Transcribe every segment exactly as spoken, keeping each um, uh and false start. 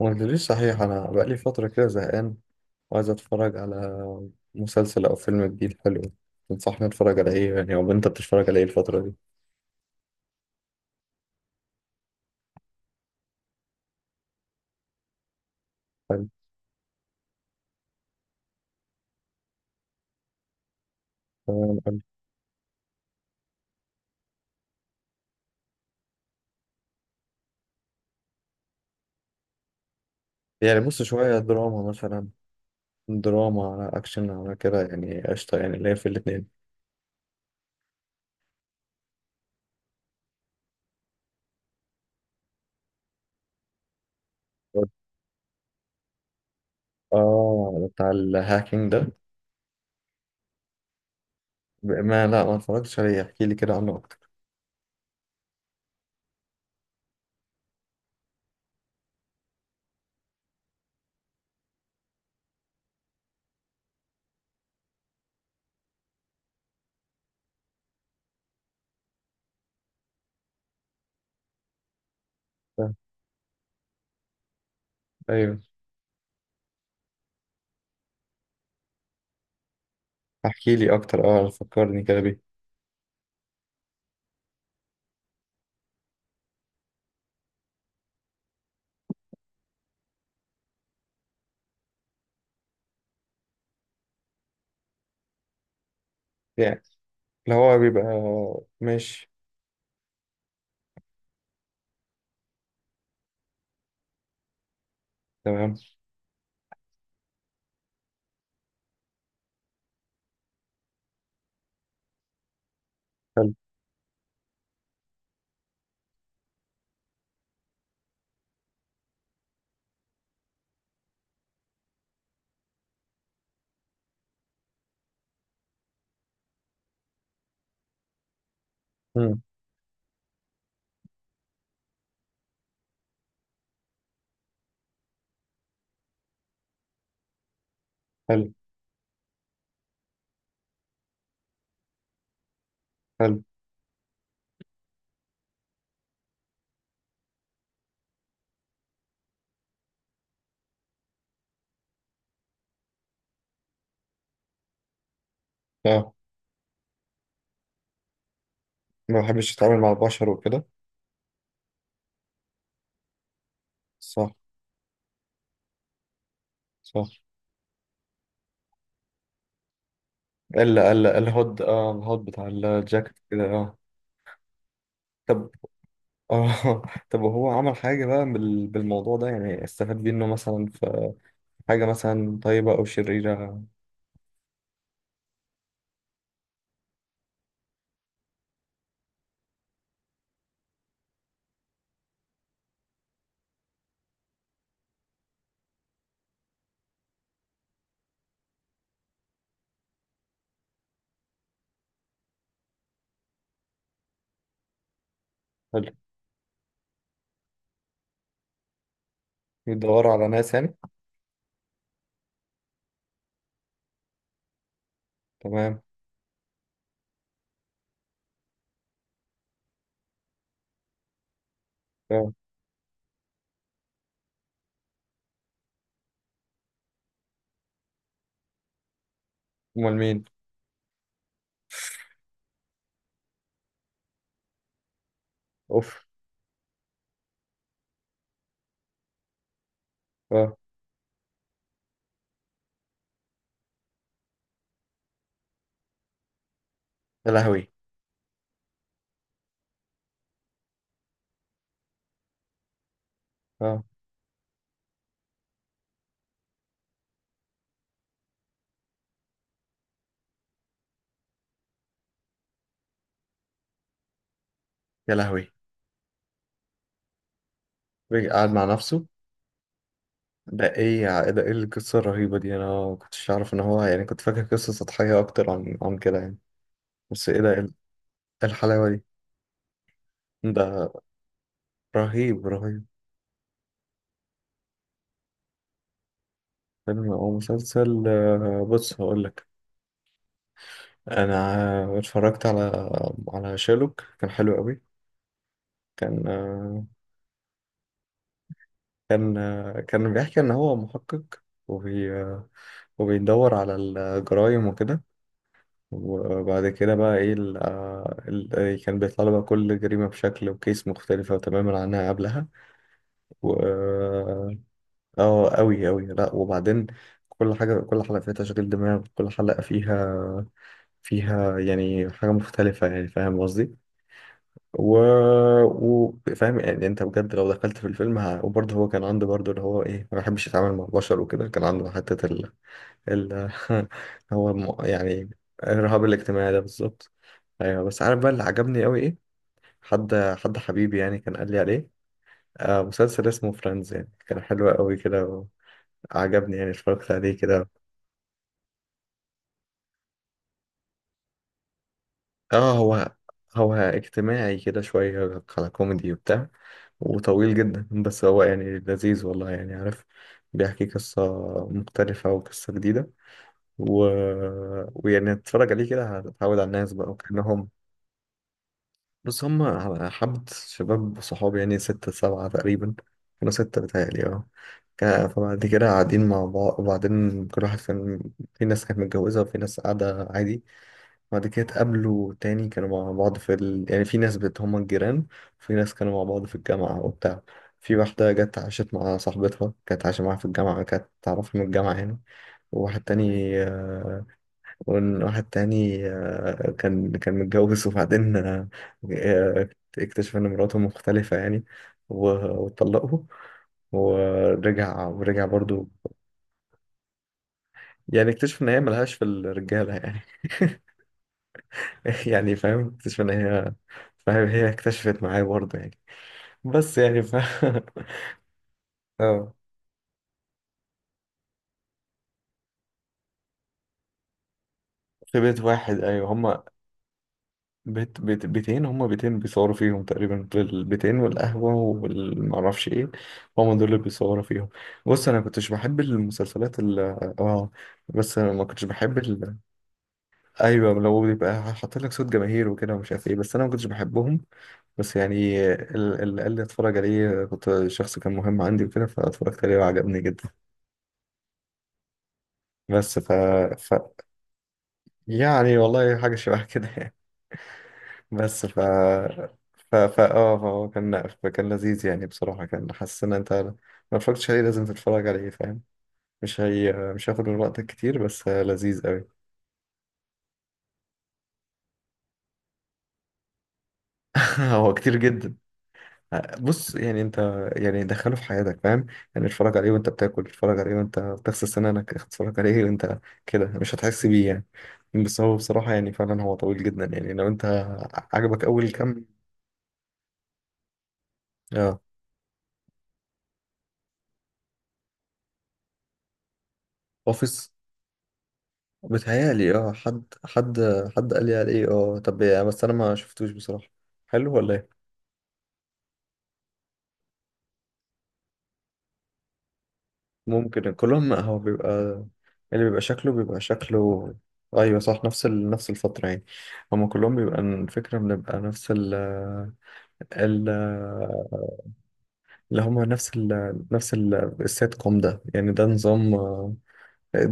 ما قلتليش صحيح؟ أنا بقالي فترة كده زهقان وعايز أتفرج على مسلسل أو فيلم جديد حلو. تنصحني أتفرج على إيه يعني؟ أو أنت بتتفرج على إيه الفترة دي؟ حلو. تمام أوي. يعني بص، شوية دراما مثلا، دراما على أكشن على كده يعني، قشطة يعني اللي هي في الاتنين. آه، بتاع الهاكينج ده. ب- ما لا، ما اتفرجتش عليه، احكي لي كده عنه أكتر. أيوه احكي لي أكتر، أه فكرني كده بيه. يعني اللي هو بيبقى. ماشي. تمام. حلو. مم. حلو، حلو. اه، ما بحبش اتعامل مع البشر وكده. صح، صح. الا الا الهود، اه الهود بتاع الجاكيت كده، اه. طب، اه طب وهو عمل حاجة بقى بال- بالموضوع ده يعني، استفاد بيه انه مثلا في حاجة مثلا طيبة او شريرة؟ حلو. بيدوروا على ناس يعني. تمام. اه. امال مين؟ اوف. اه. يا لهوي. اه. يا لهوي. بيجي قاعد مع نفسه. ده ايه يا- ده ايه القصة الرهيبة دي؟ انا ما كنتش اعرف ان هو، يعني كنت فاكر قصة سطحية اكتر عن عن كده يعني. بس ايه ده؟ إيه الحلاوة دي؟ ده رهيب، رهيب. فيلم او مسلسل، آه، بص هقول لك، انا اتفرجت على على شيرلوك، كان حلو قوي. كان آه، كان آه، كان بيحكي ان هو محقق، وبي آه، وبيدور على الجرائم وكده. وبعد كده بقى ايه ال آه، ال- آه، كان بيطلع له بقى كل جريمة بشكل وكيس مختلفة تماما عنها قبلها و اه، قوي قوي، لا وبعدين كل حاجة كل حلقة فيها تشغيل دماغ، كل حلقة فيها فيها يعني حاجة مختلفة يعني، فاهم قصدي؟ و... و... فاهم يعني، انت بجد لو دخلت في الفيلم ه... وبرضه هو كان عنده برضه اللي هو ايه، ما بيحبش يتعامل مع البشر وكده، كان عنده حتة ال, ال... هو م... يعني الرهاب الاجتماعي ده بالظبط. ايوه بس عارف بقى اللي عجبني قوي ايه؟ حد حد حبيبي يعني كان قال لي عليه، آه مسلسل اسمه فريندز يعني، كان حلو قوي كده وعجبني، يعني اتفرجت عليه كده. اه، هو هو اجتماعي كده، شوية على كوميدي وبتاع، وطويل جدا، بس هو يعني لذيذ والله يعني، عارف، بيحكي قصة مختلفة وقصة جديدة و... ويعني تتفرج عليه كده هتتعود على الناس بقى وكأنهم بس هم. حبة شباب صحابي يعني ستة سبعة تقريبا. كانوا ستة بتهيألي، اه. ك- فبعد كده قاعدين مع بعض، وبعدين كل واحد كان في ناس كانت متجوزة وفي ناس قاعدة عادي. بعد كده اتقابلوا تاني، كانوا مع بعض في ال... يعني في ناس بت هما الجيران، وفي ناس كانوا مع بعض في الجامعة وبتاع. في واحدة جت عاشت مع صاحبتها، كانت عايشة معاها في الجامعة، كانت تعرفها من الجامعة يعني. وواحد تاني آه، وواحد تاني، آه، كان كان متجوز، وبعدين آه، آه، اكتشف إن مراته مختلفة يعني و- واتطلقوا، ورجع، ورجع برضو. يعني اكتشف إن هي ملهاش في الرجالة يعني يعني فاهم، اكتشف ان هي، فاهم هي اكتشفت معايا برضه يعني، بس يعني ف اه، في بيت واحد، ايوه هما بيت بيت بيتين، هما بيتين بيصوروا فيهم تقريبا، البيتين والقهوه والمعرفش ايه، هما دول اللي بيصوروا فيهم. بص انا كنتش بحب المسلسلات ال اه بس انا ما كنتش بحب ال... ايوه لو بيبقى حاطط لك صوت جماهير وكده ومش عارف ايه، بس انا ما كنتش بحبهم. بس يعني ال- اللي قال لي اتفرج عليه كنت شخص كان مهم عندي وكده، فاتفرجت عليه وعجبني جدا. بس ف... ف... يعني والله حاجة شبه كده يعني. بس ف ف ف اه فهو كان، كان لذيذ يعني بصراحة، كان حاسس ان انت ما اتفرجتش عليه لازم تتفرج عليه فاهم. مش هي مش هياخد من وقتك كتير، بس لذيذ قوي. هو كتير جدا. بص يعني انت، يعني دخله في حياتك فاهم، يعني اتفرج عليه وانت بتاكل، اتفرج عليه وانت بتغسل سنانك، اتفرج عليه وانت كده مش هتحس بيه يعني. بس هو بصراحة يعني فعلا هو طويل جدا يعني، لو انت عجبك اول كام، اه. اوفيس؟ بتهيألي اه، حد حد حد قال لي عليه، اه طب يعني بس انا ما شفتوش بصراحة، حلو ولا ايه؟ ممكن كلهم هو بيبقى، اللي بيبقى شكله بيبقى شكله. ايوه صح، نفس ال... نفس الفترة يعني، هما كلهم بيبقى، الفكرة بنبقى نفس ال ال اللي هما نفس ال نفس ال السيت كوم ده يعني، ده نظام،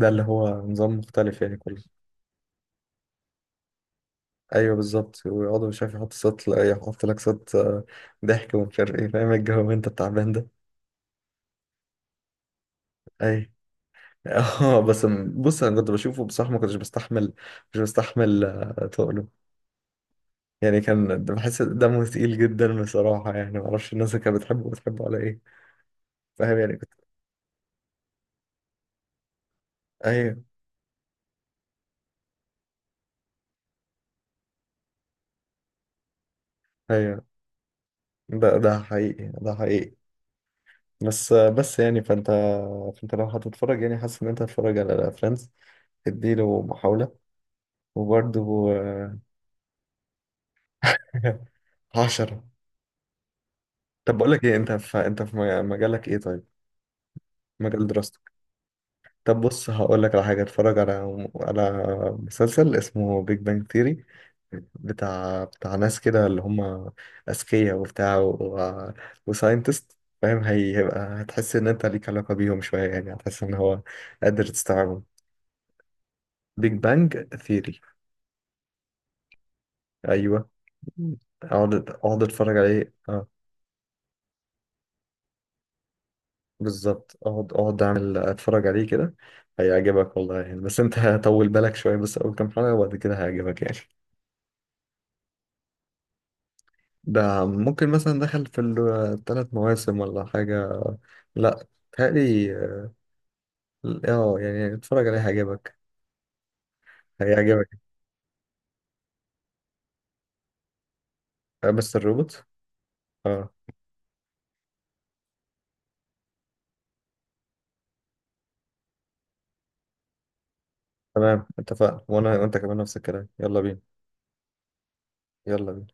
ده اللي هو نظام مختلف يعني كله. ايوه بالظبط، ويقعدوا مش عارف يحط صوت، لا يحط لك صوت، آه، ضحك ومش عارف ايه، فاهم الجو انت التعبان ده؟ اي، اه، بس م- بص انا كنت بشوفه بصراحه ما كنتش بستحمل، مش بستحمل آه، تقله، يعني كان بحس دمه تقيل جدا بصراحه يعني، ما اعرفش الناس اللي كانت بتحبه بتحبه على ايه، فاهم يعني كنت. ايوه، ايوه، ده ده حقيقي، ده حقيقي. بس آه، بس يعني فانت فانت لو هتتفرج، يعني حاسس ان انت هتتفرج على فريندز، اديله محاوله وبرده. عشرة. طب بقول لك ايه، انت في انت في مجالك ايه طيب؟ مجال دراستك؟ طب بص هقول لك على حاجة، اتفرج على على مسلسل اسمه بيج بانج ثيري، بتاع بتاع ناس كده اللي هم أذكياء وبتاع و... وساينتست، فاهم. هي... هيبقى هتحس إن أنت ليك علاقة بيهم شوية يعني، هتحس إن هو قادر تستوعبهم. بيج بانج ثيري. أيوه، اقعد اقعد اتفرج عليه، اه. بالظبط، اقعد اقعد اعمل اتفرج عليه كده، هيعجبك والله يعني، بس انت هطول بالك شويه بس اول كام حلقه وبعد كده هيعجبك يعني. ده ممكن مثلا دخل في الثلاث مواسم ولا حاجة. لا، تهيألي اه. آه، يعني اتفرج عليه هيعجبك، هيعجبك. آه، بس الروبوت. اه، تمام اتفقنا، وانا وانت كمان نفس الكلام. يلا بينا، يلا بينا.